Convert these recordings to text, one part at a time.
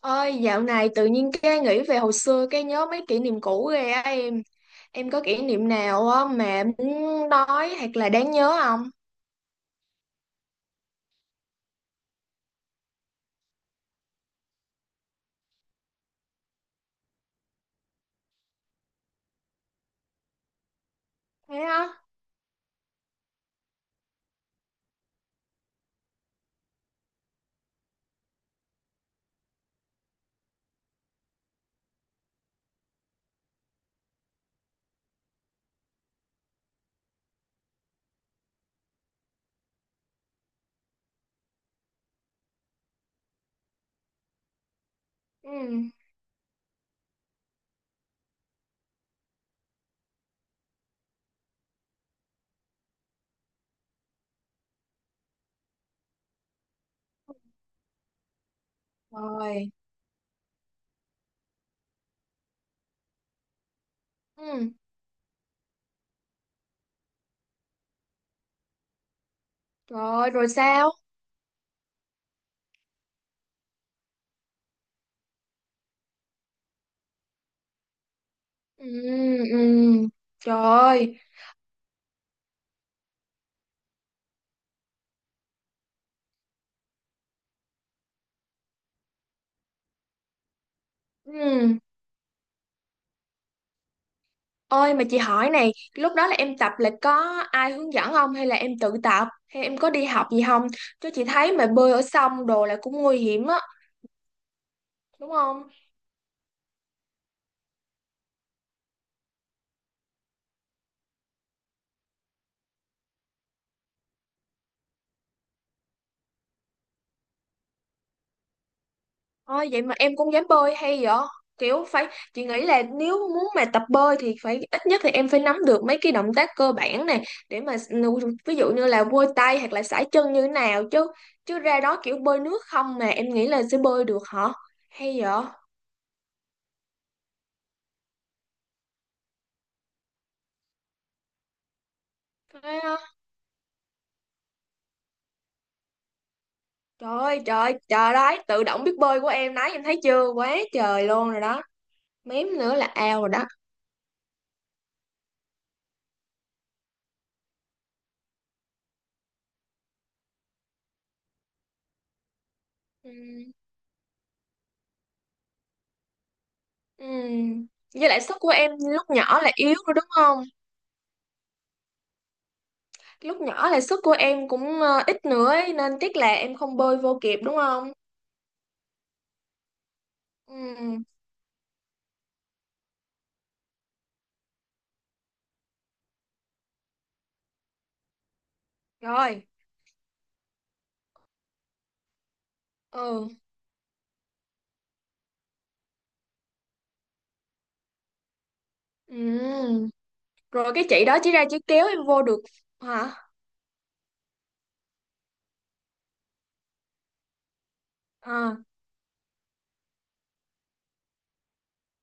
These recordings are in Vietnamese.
Ôi, dạo này tự nhiên cái nghĩ về hồi xưa cái nhớ mấy kỷ niệm cũ ghê á em. Em có kỷ niệm nào á mà muốn nói hoặc là đáng nhớ không? Thế á? Ừ. Rồi. Ừ. Rồi, rồi sao? Ừ, ừ. Trời ơi. Ừ. Ôi mà chị hỏi này, lúc đó là em tập là có ai hướng dẫn không hay là em tự tập hay em có đi học gì không? Chứ chị thấy mà bơi ở sông đồ là cũng nguy hiểm á, đúng không? Ôi vậy mà em cũng dám bơi hay vậy? Kiểu phải chị nghĩ là nếu muốn mà tập bơi thì phải ít nhất thì em phải nắm được mấy cái động tác cơ bản này để mà ví dụ như là vôi tay hoặc là sải chân như thế nào chứ chứ ra đó kiểu bơi nước không mà em nghĩ là sẽ bơi được hả? Hay vậy? Thế á. Trời ơi, trời ơi, trời đấy, tự động biết bơi của em đấy, em thấy chưa? Quá trời luôn rồi đó. Mém nữa là ao rồi đó. Ừ. Ừ. Với lại sức của em lúc nhỏ là yếu rồi đúng không? Lúc nhỏ là sức của em cũng ít nữa ấy, nên tiếc là em không bơi vô kịp đúng không? Ừ, rồi. Ừ. Ừ. Rồi cái chị đó chỉ ra chỉ kéo em vô được hả? À.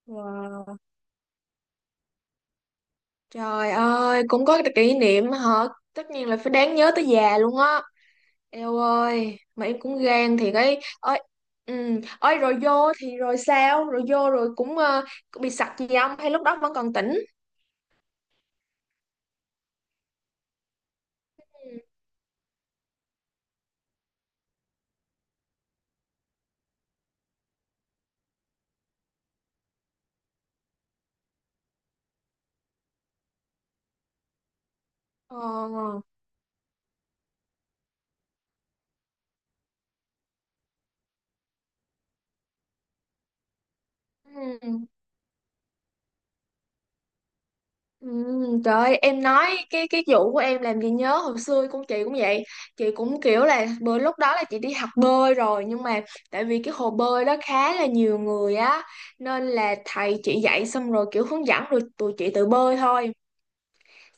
Wow. Trời ơi, cũng có cái kỷ niệm hả? Tất nhiên là phải đáng nhớ tới già luôn á. Eo ơi, mà em cũng gan thì cái ơi. Ừ. Ôi rồi vô thì rồi sao? Rồi vô rồi cũng bị sặc gì không? Hay lúc đó vẫn còn tỉnh? Ừ. Ờ. Ừ. Trời ơi, em nói cái vụ của em làm gì nhớ hồi xưa con chị cũng vậy. Chị cũng kiểu là bữa lúc đó là chị đi học bơi rồi, nhưng mà tại vì cái hồ bơi đó khá là nhiều người á, nên là thầy chị dạy xong rồi kiểu hướng dẫn rồi tụi chị tự bơi thôi.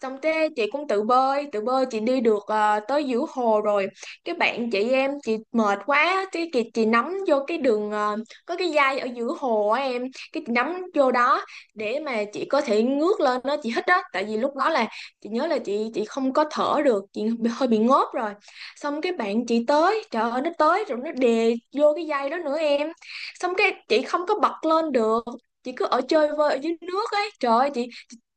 Xong thế chị cũng tự bơi tự bơi, chị đi được tới giữa hồ rồi, cái bạn chị em chị mệt quá, cái chị nắm vô cái đường có cái dây ở giữa hồ á em, cái chị nắm vô đó để mà chị có thể ngước lên đó chị hít đó, tại vì lúc đó là chị nhớ là chị không có thở được, hơi bị ngốp rồi. Xong cái bạn chị tới, trời ơi, nó tới rồi nó đè vô cái dây đó nữa em, xong cái chị không có bật lên được, chị cứ ở chơi vơi ở dưới nước ấy. Trời ơi, chị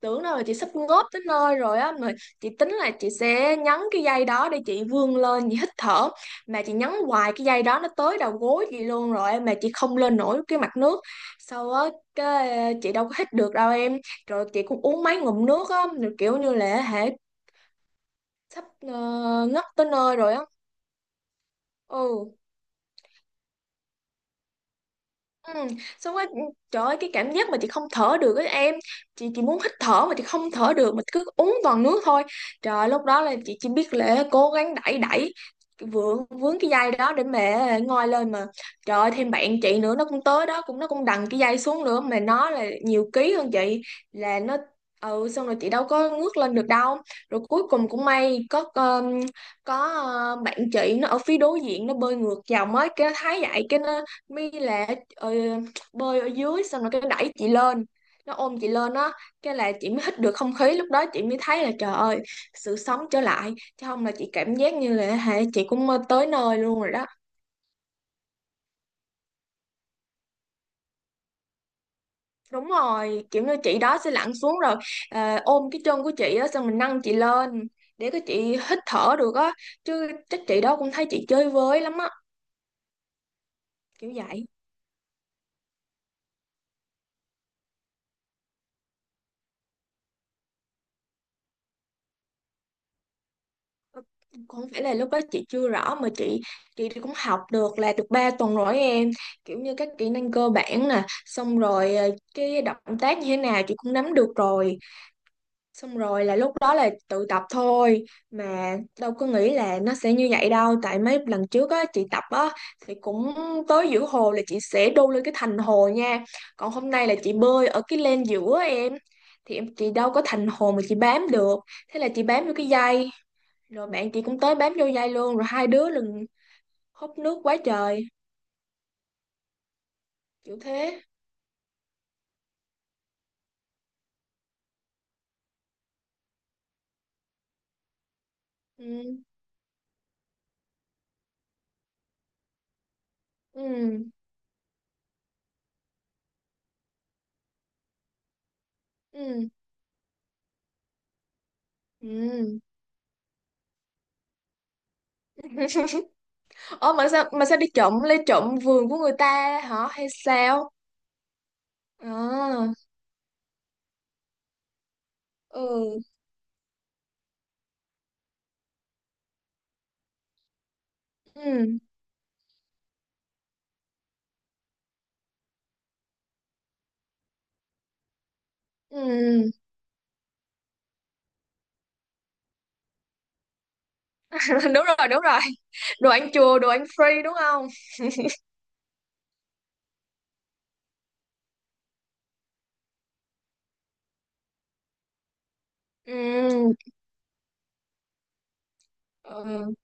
tưởng đâu là chị sắp ngốp tới nơi rồi á, mà chị tính là chị sẽ nhấn cái dây đó để chị vươn lên chị hít thở, mà chị nhấn hoài cái dây đó nó tới đầu gối chị luôn rồi em, mà chị không lên nổi cái mặt nước sau á, cái chị đâu có hít được đâu em. Rồi chị cũng uống mấy ngụm nước á, rồi kiểu như là hễ sắp ngất tới nơi rồi á. Ừ. Ừ. Xong rồi trời ơi, cái cảm giác mà chị không thở được ấy em, chị muốn hít thở mà chị không thở được mà cứ uống toàn nước thôi. Trời ơi, lúc đó là chị chỉ biết là cố gắng đẩy đẩy vướng vướng cái dây đó để mẹ ngoi lên mà. Trời ơi, thêm bạn chị nữa, nó cũng tới đó, cũng nó cũng đằng cái dây xuống nữa, mà nó là nhiều ký hơn chị, là nó. Ừ, xong rồi chị đâu có ngước lên được đâu. Rồi cuối cùng cũng may có bạn chị nó ở phía đối diện nó bơi ngược dòng ấy, cái nó thấy vậy cái nó My là ờ, bơi ở dưới, xong rồi cái đẩy chị lên, nó ôm chị lên á, cái là chị mới hít được không khí. Lúc đó chị mới thấy là trời ơi, sự sống trở lại, chứ không là chị cảm giác như là hả, chị cũng mơ tới nơi luôn rồi đó. Đúng rồi, kiểu như chị đó sẽ lặn xuống rồi ôm cái chân của chị á, xong mình nâng chị lên để cái chị hít thở được á, chứ chắc chị đó cũng thấy chị chơi với lắm á kiểu vậy. Không phải là lúc đó chị chưa rõ mà chị thì cũng học được là được 3 tuần rồi em, kiểu như các kỹ năng cơ bản nè, xong rồi cái động tác như thế nào chị cũng nắm được rồi, xong rồi là lúc đó là tự tập thôi, mà đâu có nghĩ là nó sẽ như vậy đâu. Tại mấy lần trước á chị tập á thì cũng tới giữa hồ là chị sẽ đu lên cái thành hồ nha, còn hôm nay là chị bơi ở cái len giữa á em, thì em chị đâu có thành hồ mà chị bám được, thế là chị bám vô cái dây, rồi bạn chị cũng tới bám vô dây luôn, rồi hai đứa lần húp nước quá trời kiểu thế. Ừ. Ừ. Ừ. Ừ. Ơ mà sao đi trộm lấy trộm vườn của người ta hả hay sao? À. Ừ. Ừ. Ừ. Đúng rồi, đúng rồi. Đồ ăn chùa, đồ ăn free, đúng không? Ừ. Ừ.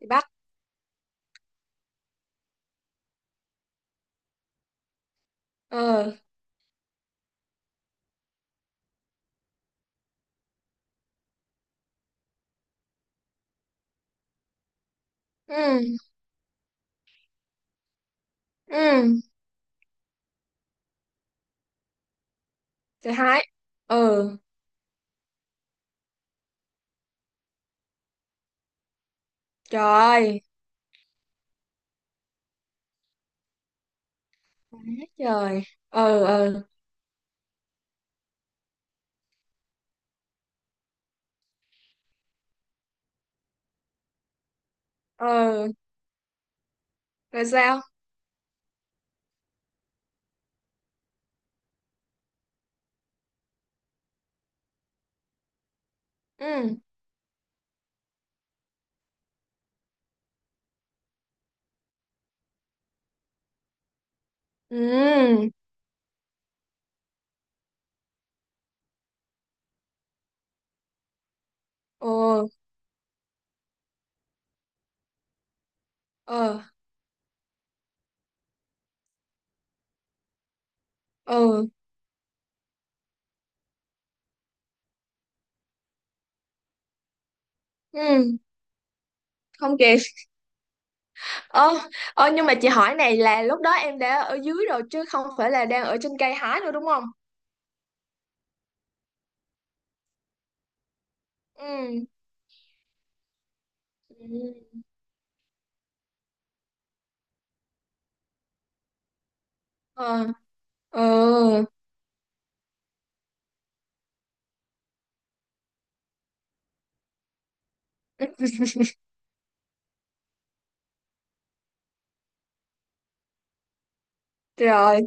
Đi bắt. Ừ. Ừ. Ừ. Thứ hai. Ừ. Trời. Quá trời. Ừ. Ừ. Ừ. Rồi sao? Ừ. Ừ. Ờ. Ờ. Ừ. Ừ. Không kịp. Ơ, ơ, nhưng mà chị hỏi này là lúc đó em đã ở dưới rồi, chứ không phải là đang ở trên cây hái nữa, đúng không? Ừ. Ừ. Ờ. Ờ. Ừ. Rồi.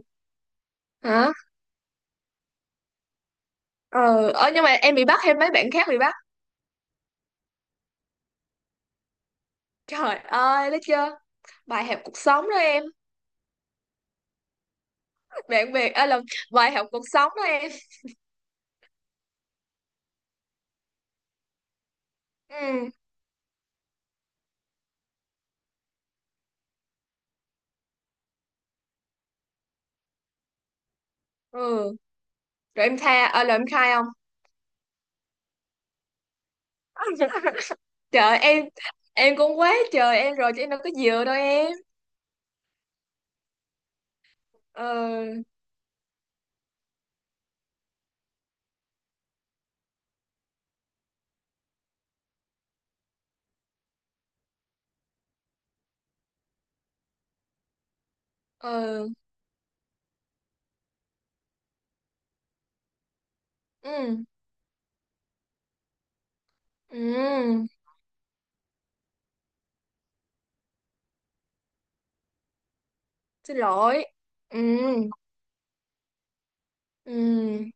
Hả? Ờ, ờ, nhưng mà em bị bắt hay mấy bạn khác bị bắt? Trời ơi, thấy chưa? Bài học cuộc sống đó em. Bạn bè là bài học cuộc sống đó em. Ừ. Ừ. Rồi em tha là em khai không? Trời em cũng quá trời em rồi, chứ em đâu có dừa đâu em. Ờ. Ờ. Ừ. Ừ. Xin lỗi. Ừ. Ừ.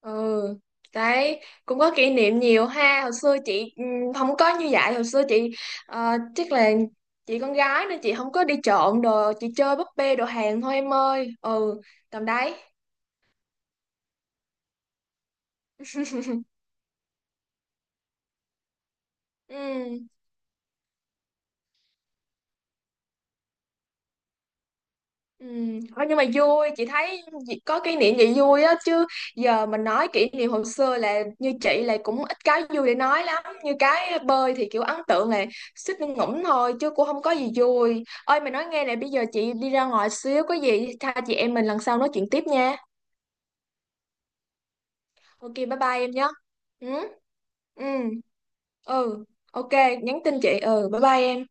Ừ. Đấy, cũng có kỷ niệm nhiều ha hồi xưa. Chị không có như vậy hồi xưa. Chị chắc là chị con gái, nên chị không có đi trộm đồ, chị chơi búp bê đồ hàng thôi em ơi. Ừ, tầm đấy. Ừ. Ừ. Thôi, nhưng mà vui, chị thấy chị có kỷ niệm vậy vui á chứ. Giờ mình nói kỷ niệm hồi xưa là như chị là cũng ít cái vui để nói lắm, như cái bơi thì kiểu ấn tượng là suýt ngủm ngủm thôi chứ cũng không có gì vui. Ơi mày, nói nghe nè, bây giờ chị đi ra ngoài xíu, có gì tha chị em mình lần sau nói chuyện tiếp nha. OK, bye bye em nhé. Ừ. Ừ. Ừ. OK, nhắn tin chị. Ừ, bye bye em.